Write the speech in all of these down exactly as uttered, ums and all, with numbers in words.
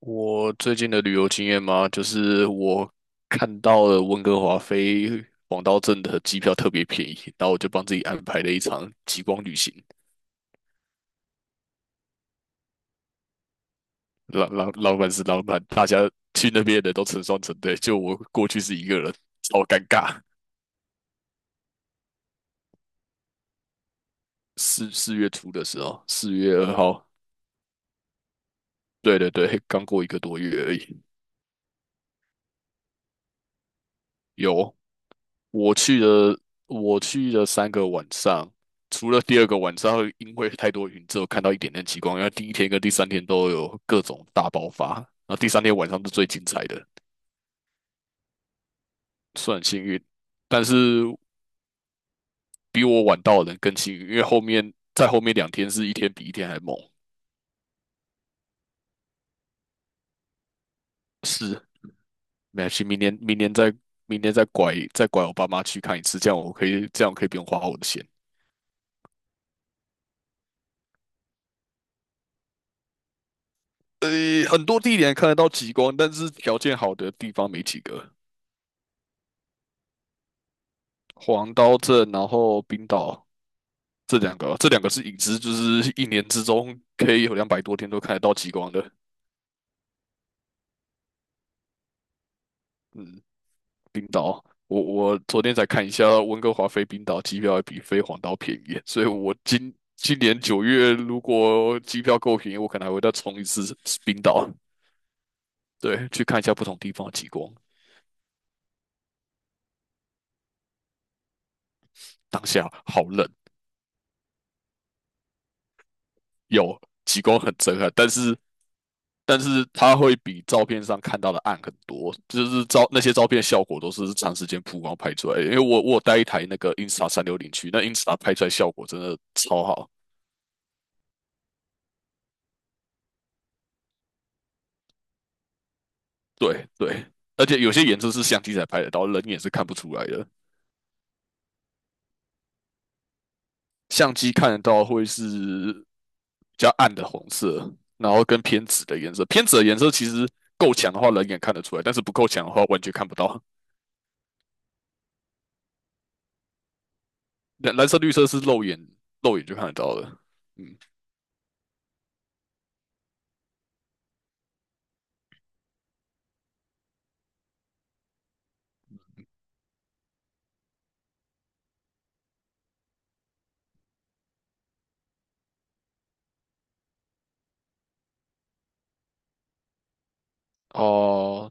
我最近的旅游经验嘛，就是我看到了温哥华飞黄刀镇的机票特别便宜，然后我就帮自己安排了一场极光旅行。老老老板是老板，大家去那边的都成双成对，就我过去是一个人，超尴尬。四四月初的时候，四月二号，对对对，刚过一个多月而已。有，我去了，我去了三个晚上，除了第二个晚上因为太多云之后看到一点点极光，因为第一天跟第三天都有各种大爆发，然后第三天晚上是最精彩的，算很幸运，但是比我晚到的人更幸运，因为后面在后面两天是一天比一天还猛。是，没关系，明年明年再明年再拐再拐我爸妈去看一次，这样我可以这样我可以不用花我的钱。呃，很多地点看得到极光，但是条件好的地方没几个。黄刀镇，然后冰岛这两个，这两个是影子，就是一年之中可以有两百多天都看得到极光的。嗯，冰岛，我我昨天才看一下，温哥华飞冰岛机票还比飞黄岛便宜，所以我今今年九月如果机票够便宜，我可能还会再冲一次冰岛，对，去看一下不同地方的极光。当下好冷，有极光很震撼，但是但是它会比照片上看到的暗很多，就是照那些照片的效果都是长时间曝光拍出来的因为我我有带一台那个 Insta 三六零去，那 Insta 拍出来效果真的超好。对对，而且有些颜色是相机才拍得到，人眼是看不出来的。相机看得到会是比较暗的红色，然后跟偏紫的颜色。偏紫的颜色其实够强的话，人眼看得出来，但是不够强的话，完全看不到。蓝蓝色、绿色是肉眼肉眼就看得到了。嗯，哦、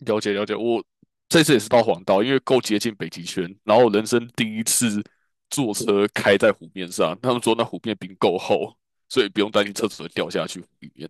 了解了解，我这次也是到黄道，因为够接近北极圈，然后人生第一次坐车开在湖面上，他们说那湖面冰够厚，所以不用担心车子会掉下去湖里面。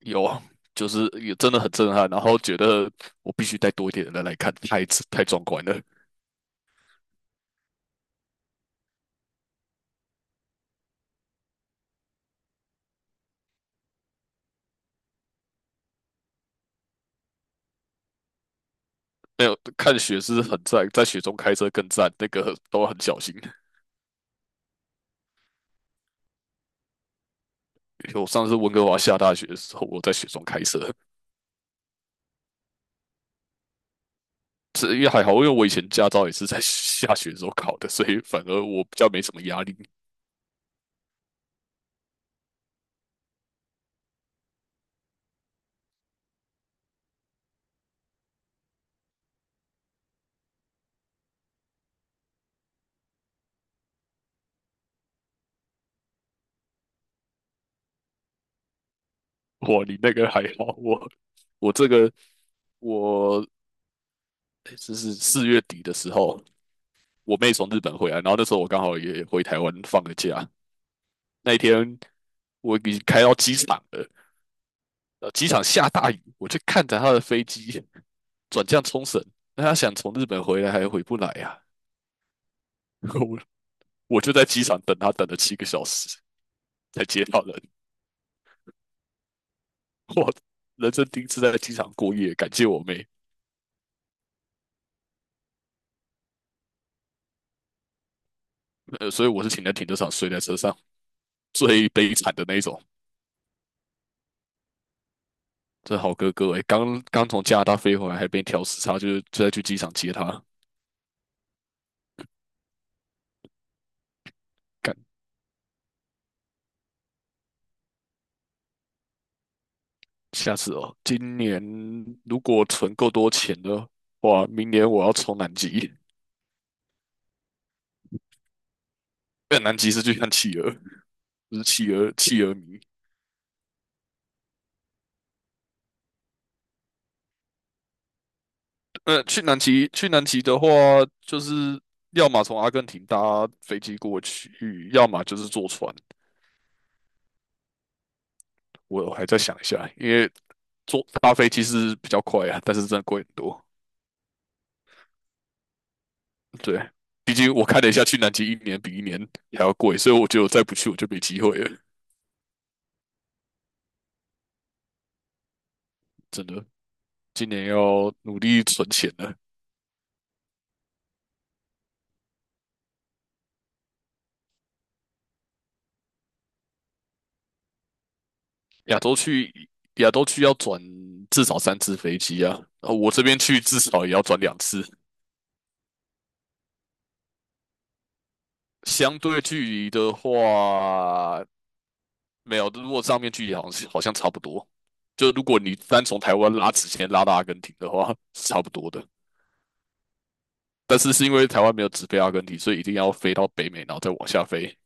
有啊，就是也真的很震撼，然后觉得我必须带多一点人来看，太太壮观了。没有看雪是很赞，在雪中开车更赞，那个都很小心。我上次温哥华下大雪的时候，我在雪中开车，这也还好，因为我以前驾照也是在下雪的时候考的，所以反而我比较没什么压力。哇，你那个还好，我我这个我诶这是四月底的时候，我妹从日本回来，然后那时候我刚好也回台湾放个假。那一天我已经开到机场了，呃，机场下大雨，我就看着他的飞机转降冲绳，那他想从日本回来还回不来呀、啊，我我就在机场等他，等了七个小时才接到人。我人生第一次在机场过夜，感谢我妹，呃，所以我是请在停车场睡在车上，最悲惨的那一种。这好哥哥哎，刚刚从加拿大飞回来，还被调时差，就是就在去机场接他。干，下次哦，今年如果存够多钱的话，明年我要冲南极。呃，南极是去看企鹅，就是企鹅企鹅迷。呃，去南极去南极的话，就是要么从阿根廷搭飞机过去，要么就是坐船。我还在想一下，因为坐搭飞机是比较快啊，但是真的贵很多。对，毕竟我看了一下，去南极一年比一年还要贵，所以我觉得我再不去我就没机会了。真的，今年要努力存钱了。亚洲去亚洲去要转至少三次飞机啊，呃我这边去至少也要转两次。相对距离的话，没有，如果上面距离好像好像差不多。就如果你单从台湾拉直线拉到阿根廷的话，是差不多的。但是是因为台湾没有直飞阿根廷，所以一定要飞到北美，然后再往下飞。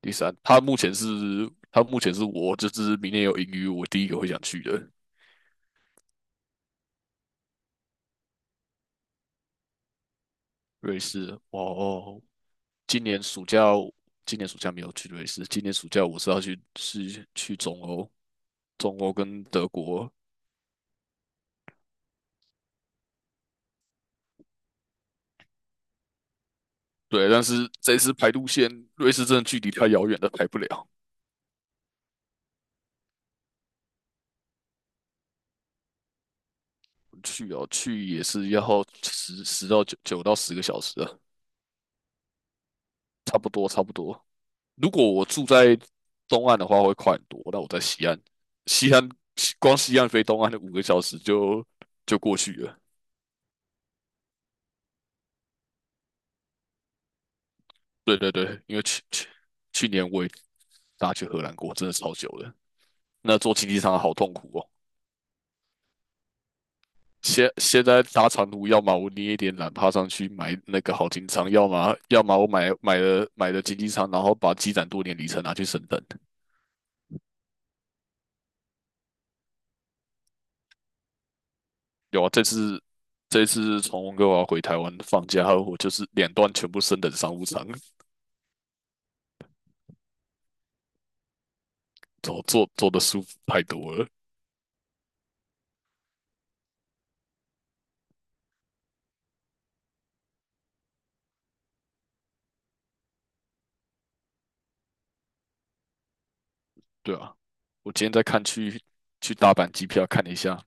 第三，他目前是他目前是我就是明年有盈余，我第一个会想去的瑞士。哦哦，今年暑假今年暑假没有去瑞士，今年暑假我是要去是去中欧，中欧跟德国。对，但是这次排路线，瑞士真的距离太遥远了，排不了。去哦，去也是要十十到九九到十个小时啊，差不多差不多。如果我住在东岸的话，会快很多。那我在西岸，西岸光西岸飞东岸的五个小时就就过去了。对对对，因为去去去年我也搭去荷兰过，真的超久了。那坐经济舱好痛苦哦。现现在搭长途，要么我捏一点懒趴上去买那个好经济舱，要么要么我买买了买了经济舱，然后把积攒多年里程拿去升等。有啊，这次这次从温哥华回台湾放假后，我就是两段全部升等商务舱，做坐坐的舒服太多了。对啊，我今天在看去去大阪机票，看了一下，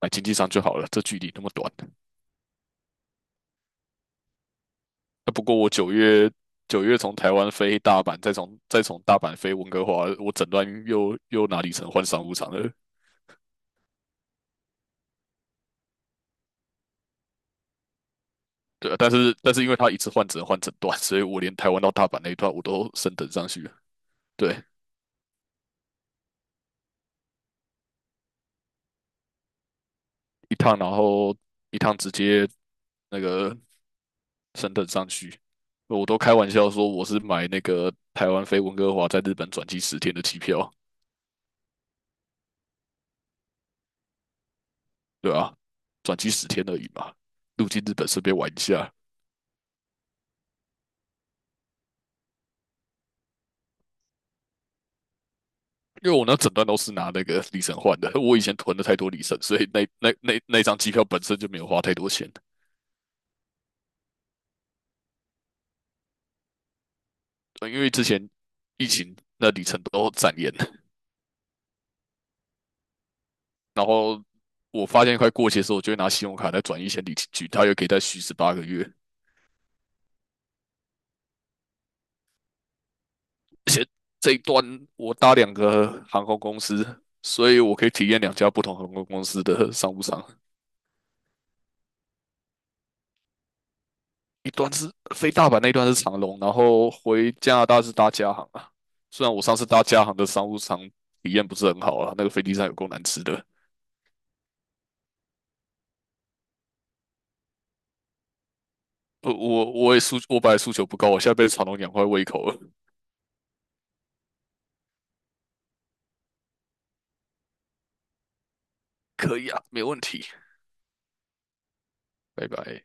买经济舱就好了，这距离那么短。啊不过我九月九月从台湾飞大阪，再从再从大阪飞温哥华，我整段又又哪里成换商务舱了？对啊但是但是因为他一次换只能换整段，所以我连台湾到大阪那一段我都升等上去了。对，一趟，然后一趟直接那个升等上去，我都开玩笑说我是买那个台湾飞温哥华在日本转机十天的机票，对啊，转机十天而已嘛，入境日本顺便玩一下。因为我那整段都是拿那个里程换的，我以前囤了太多里程，所以那那那那张机票本身就没有花太多钱。对因为之前疫情那里程都展延，然后我发现快过期的时候，我就会拿信用卡再转一千里进去，它又可以再续十八个月。而且这一段我搭两个航空公司，所以我可以体验两家不同航空公司的商务舱，一段是飞大阪，那一段是长龙，然后回加拿大是搭加航啊。虽然我上次搭加航的商务舱体验不是很好啊，那个飞机上有够难吃的。不，我我也诉我本来诉求不高，我现在被长龙养坏胃口了。可以啊，没问题，拜拜。